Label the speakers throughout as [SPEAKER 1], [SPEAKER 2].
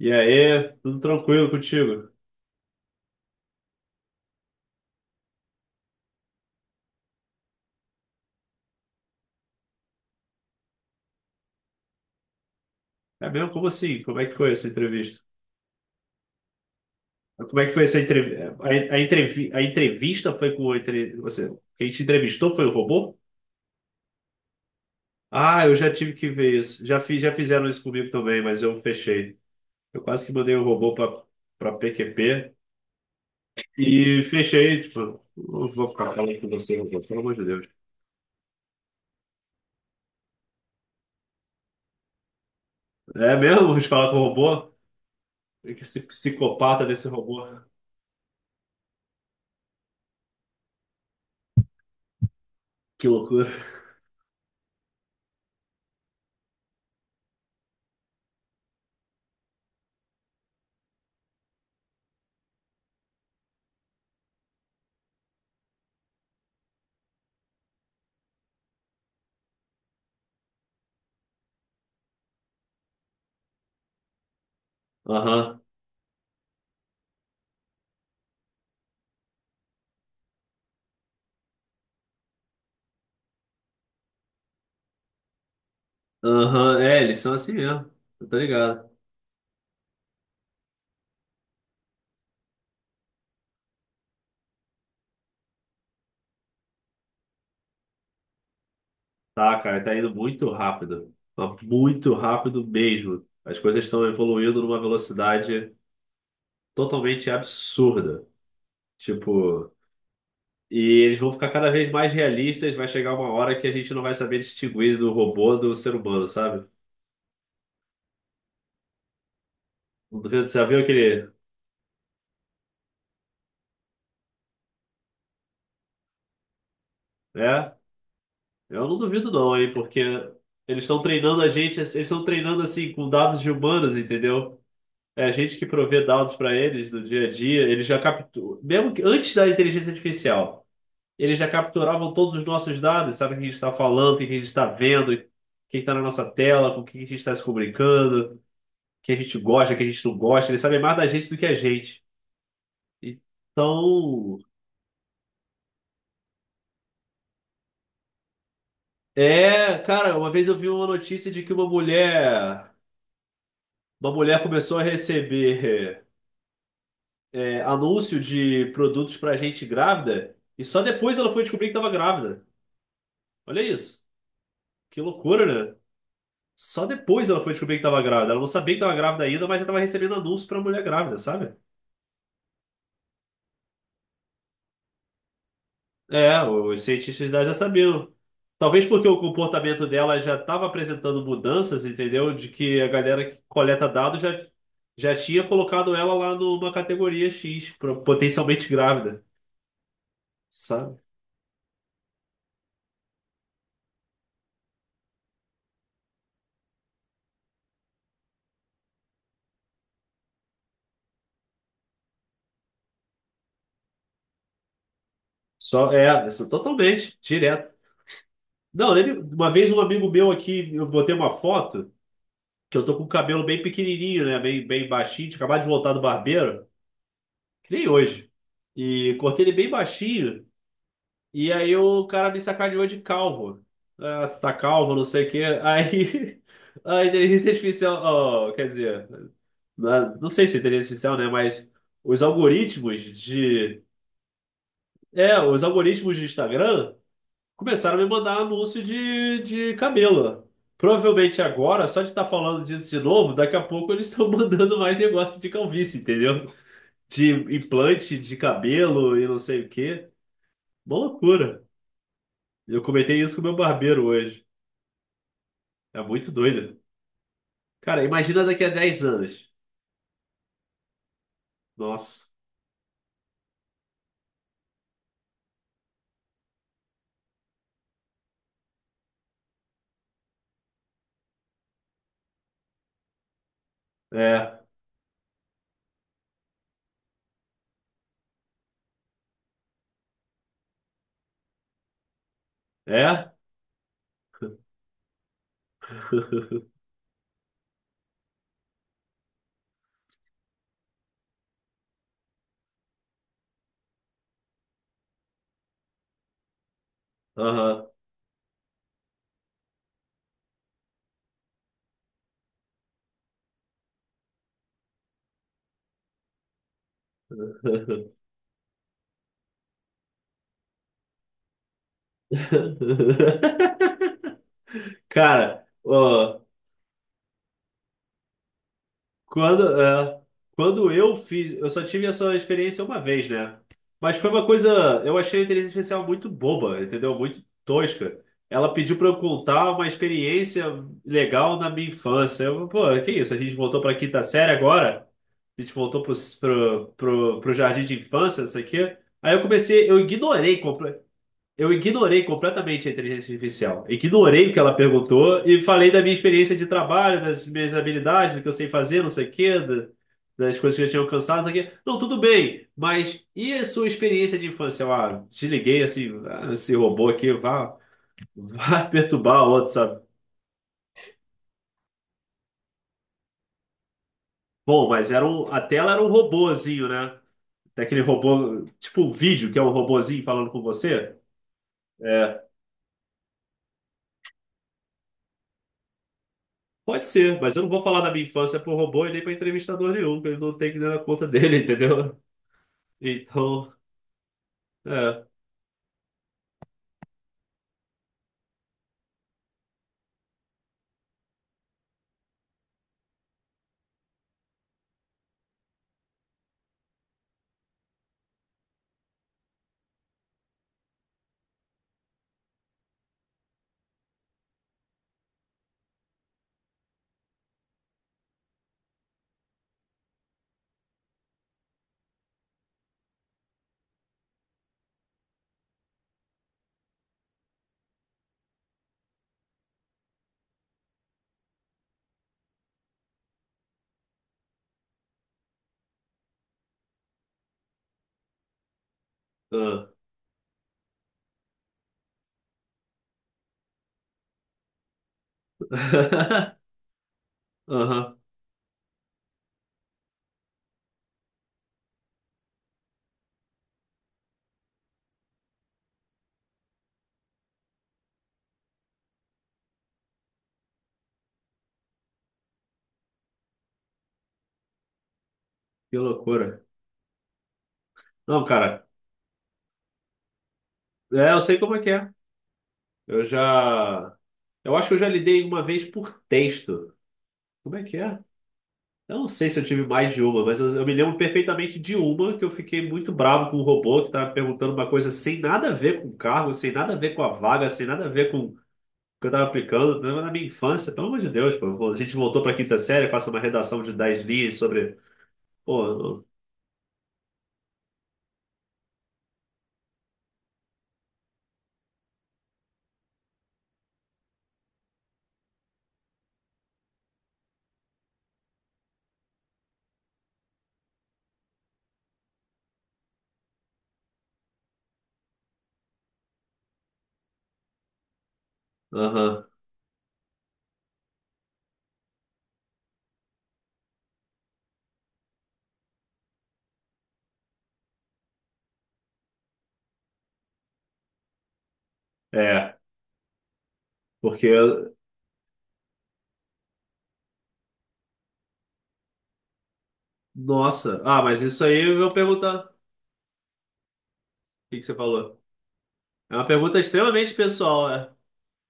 [SPEAKER 1] E aí, tudo tranquilo contigo? É mesmo? Como assim? Como é que foi essa entrevista? Como é que foi essa entrevista? A entrevista foi com o entre... você. Quem te entrevistou foi o robô? Ah, eu já tive que ver isso. Já fiz, já fizeram isso comigo também, mas eu fechei. Eu quase que mandei o robô para PQP e fechei. Tipo, não vou ficar falando com você, robô, pelo amor de Deus. É mesmo? Vou te falar com o robô? Que Esse psicopata desse robô. Que loucura. Aham. Aham, é, eles são assim mesmo. Eu tô ligado. Tá, cara, tá indo muito rápido. Mas muito rápido mesmo. As coisas estão evoluindo numa velocidade totalmente absurda. Tipo, e eles vão ficar cada vez mais realistas. Vai chegar uma hora que a gente não vai saber distinguir do robô do ser humano, sabe? Não duvido, você já viu aquele. É, eu não duvido, não, hein, porque eles estão treinando a gente, eles estão treinando assim com dados de humanos, entendeu? É a gente que provê dados para eles do dia a dia, eles já capturam, mesmo que antes da inteligência artificial, eles já capturavam todos os nossos dados, sabe o que a gente está falando, o que a gente está vendo, quem está na nossa tela, com o que a gente está se comunicando, o que a gente gosta, o que a gente não gosta, eles sabem mais da gente do que a gente. Então, é, cara, uma vez eu vi uma notícia de que uma mulher, começou a receber anúncio de produtos para gente grávida e só depois ela foi descobrir que estava grávida. Olha isso. Que loucura, né? Só depois ela foi descobrir que estava grávida. Ela não sabia que estava grávida ainda, mas já estava recebendo anúncio para mulher grávida, sabe? É, os cientistas da já sabiam. Talvez porque o comportamento dela já estava apresentando mudanças, entendeu? De que a galera que coleta dados já tinha colocado ela lá numa categoria X, potencialmente grávida, sabe? Só, é, isso totalmente, direto. Não, eu uma vez um amigo meu aqui, eu botei uma foto. Que eu tô com o cabelo bem pequenininho, né? Bem, bem baixinho. Tinha acabado de voltar do barbeiro, que nem hoje. E cortei ele bem baixinho. E aí o cara me sacaneou de calvo. Ah, você tá calvo, não sei o quê. Aí a inteligência artificial, oh, quer dizer, não sei se é inteligência artificial, né? Mas os algoritmos de. É, os algoritmos de Instagram. Começaram a me mandar anúncio de camelo. Provavelmente agora, só de estar falando disso de novo, daqui a pouco eles estão mandando mais negócio de calvície, entendeu? De implante de cabelo e não sei o quê. Uma loucura. Eu comentei isso com meu barbeiro hoje. É muito doido. Cara, imagina daqui a 10 anos. Nossa. É. É? Aham. Cara, ó, quando, é, quando eu fiz, eu só tive essa experiência uma vez, né? Mas foi uma coisa, eu achei a inteligência artificial muito boba, entendeu? Muito tosca. Ela pediu para eu contar uma experiência legal na minha infância. Eu, pô, que isso? A gente voltou para quinta série agora? A gente voltou pro jardim de infância, isso aqui? Aí eu comecei, eu ignorei completamente a inteligência artificial. Ignorei o que ela perguntou e falei da minha experiência de trabalho, das minhas habilidades, do que eu sei fazer, não sei o quê, das coisas que eu tinha alcançado, não sei o quê. Não, tudo bem, mas e a sua experiência de infância? Eu, ah, desliguei assim, ah, esse robô aqui, vá, vá perturbar o outro, sabe? Bom, mas era um, a tela era um robôzinho, né? Daquele robô, tipo um vídeo que é um robôzinho falando com você. É, pode ser, mas eu não vou falar da minha infância pro robô e nem pra entrevistador nenhum, que ele não tem que dar conta dele, entendeu? Então, é. Ah. Aham, que loucura. Não, cara, é, eu sei como é que é. Eu já. Eu acho que eu já lidei uma vez por texto. Como é que é? Eu não sei se eu tive mais de uma, mas eu me lembro perfeitamente de uma que eu fiquei muito bravo com o robô que estava perguntando uma coisa sem nada a ver com o cargo, sem nada a ver com a vaga, sem nada a ver com que eu tava aplicando, né, na minha infância, pelo amor de Deus, pô, pô, a gente voltou pra quinta série, faça uma redação de 10 linhas sobre. Pô, não- aham, é, porque. Nossa, ah, mas isso aí eu vou perguntar. O que que você falou? É uma pergunta extremamente pessoal, é.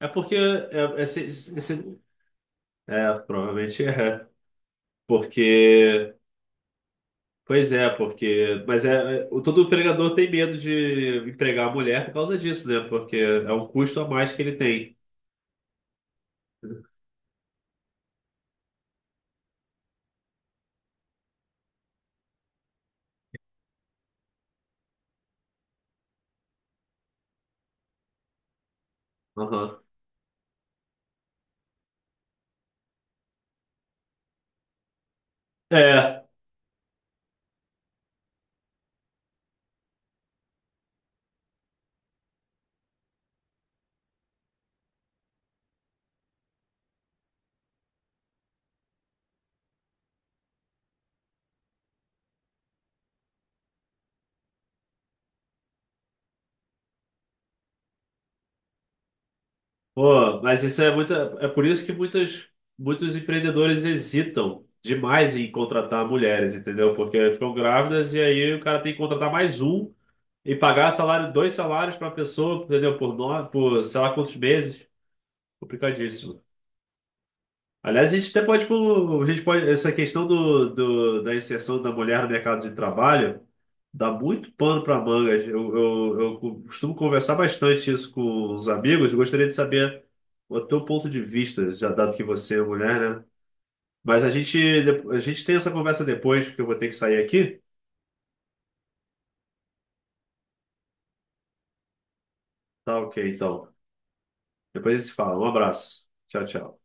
[SPEAKER 1] É porque. É, provavelmente é. Porque. Pois é, porque. Mas todo empregador tem medo de empregar a mulher por causa disso, né? Porque é um custo a mais que ele tem. Aham. É, pô, mas isso é muita, é por isso que muitas, muitos empreendedores hesitam demais em contratar mulheres, entendeu? Porque ficam grávidas e aí o cara tem que contratar mais um e pagar salário, dois salários para a pessoa, entendeu? Por 9, por sei lá quantos meses. Complicadíssimo. Aliás, a gente até pode, tipo, a gente pode, essa questão da inserção da mulher no mercado de trabalho dá muito pano para manga. Eu costumo conversar bastante isso com os amigos. Gostaria de saber o teu ponto de vista, já dado que você é mulher, né? Mas a gente tem essa conversa depois, porque eu vou ter que sair aqui. Tá ok, então. Depois a gente se fala. Um abraço. Tchau, tchau.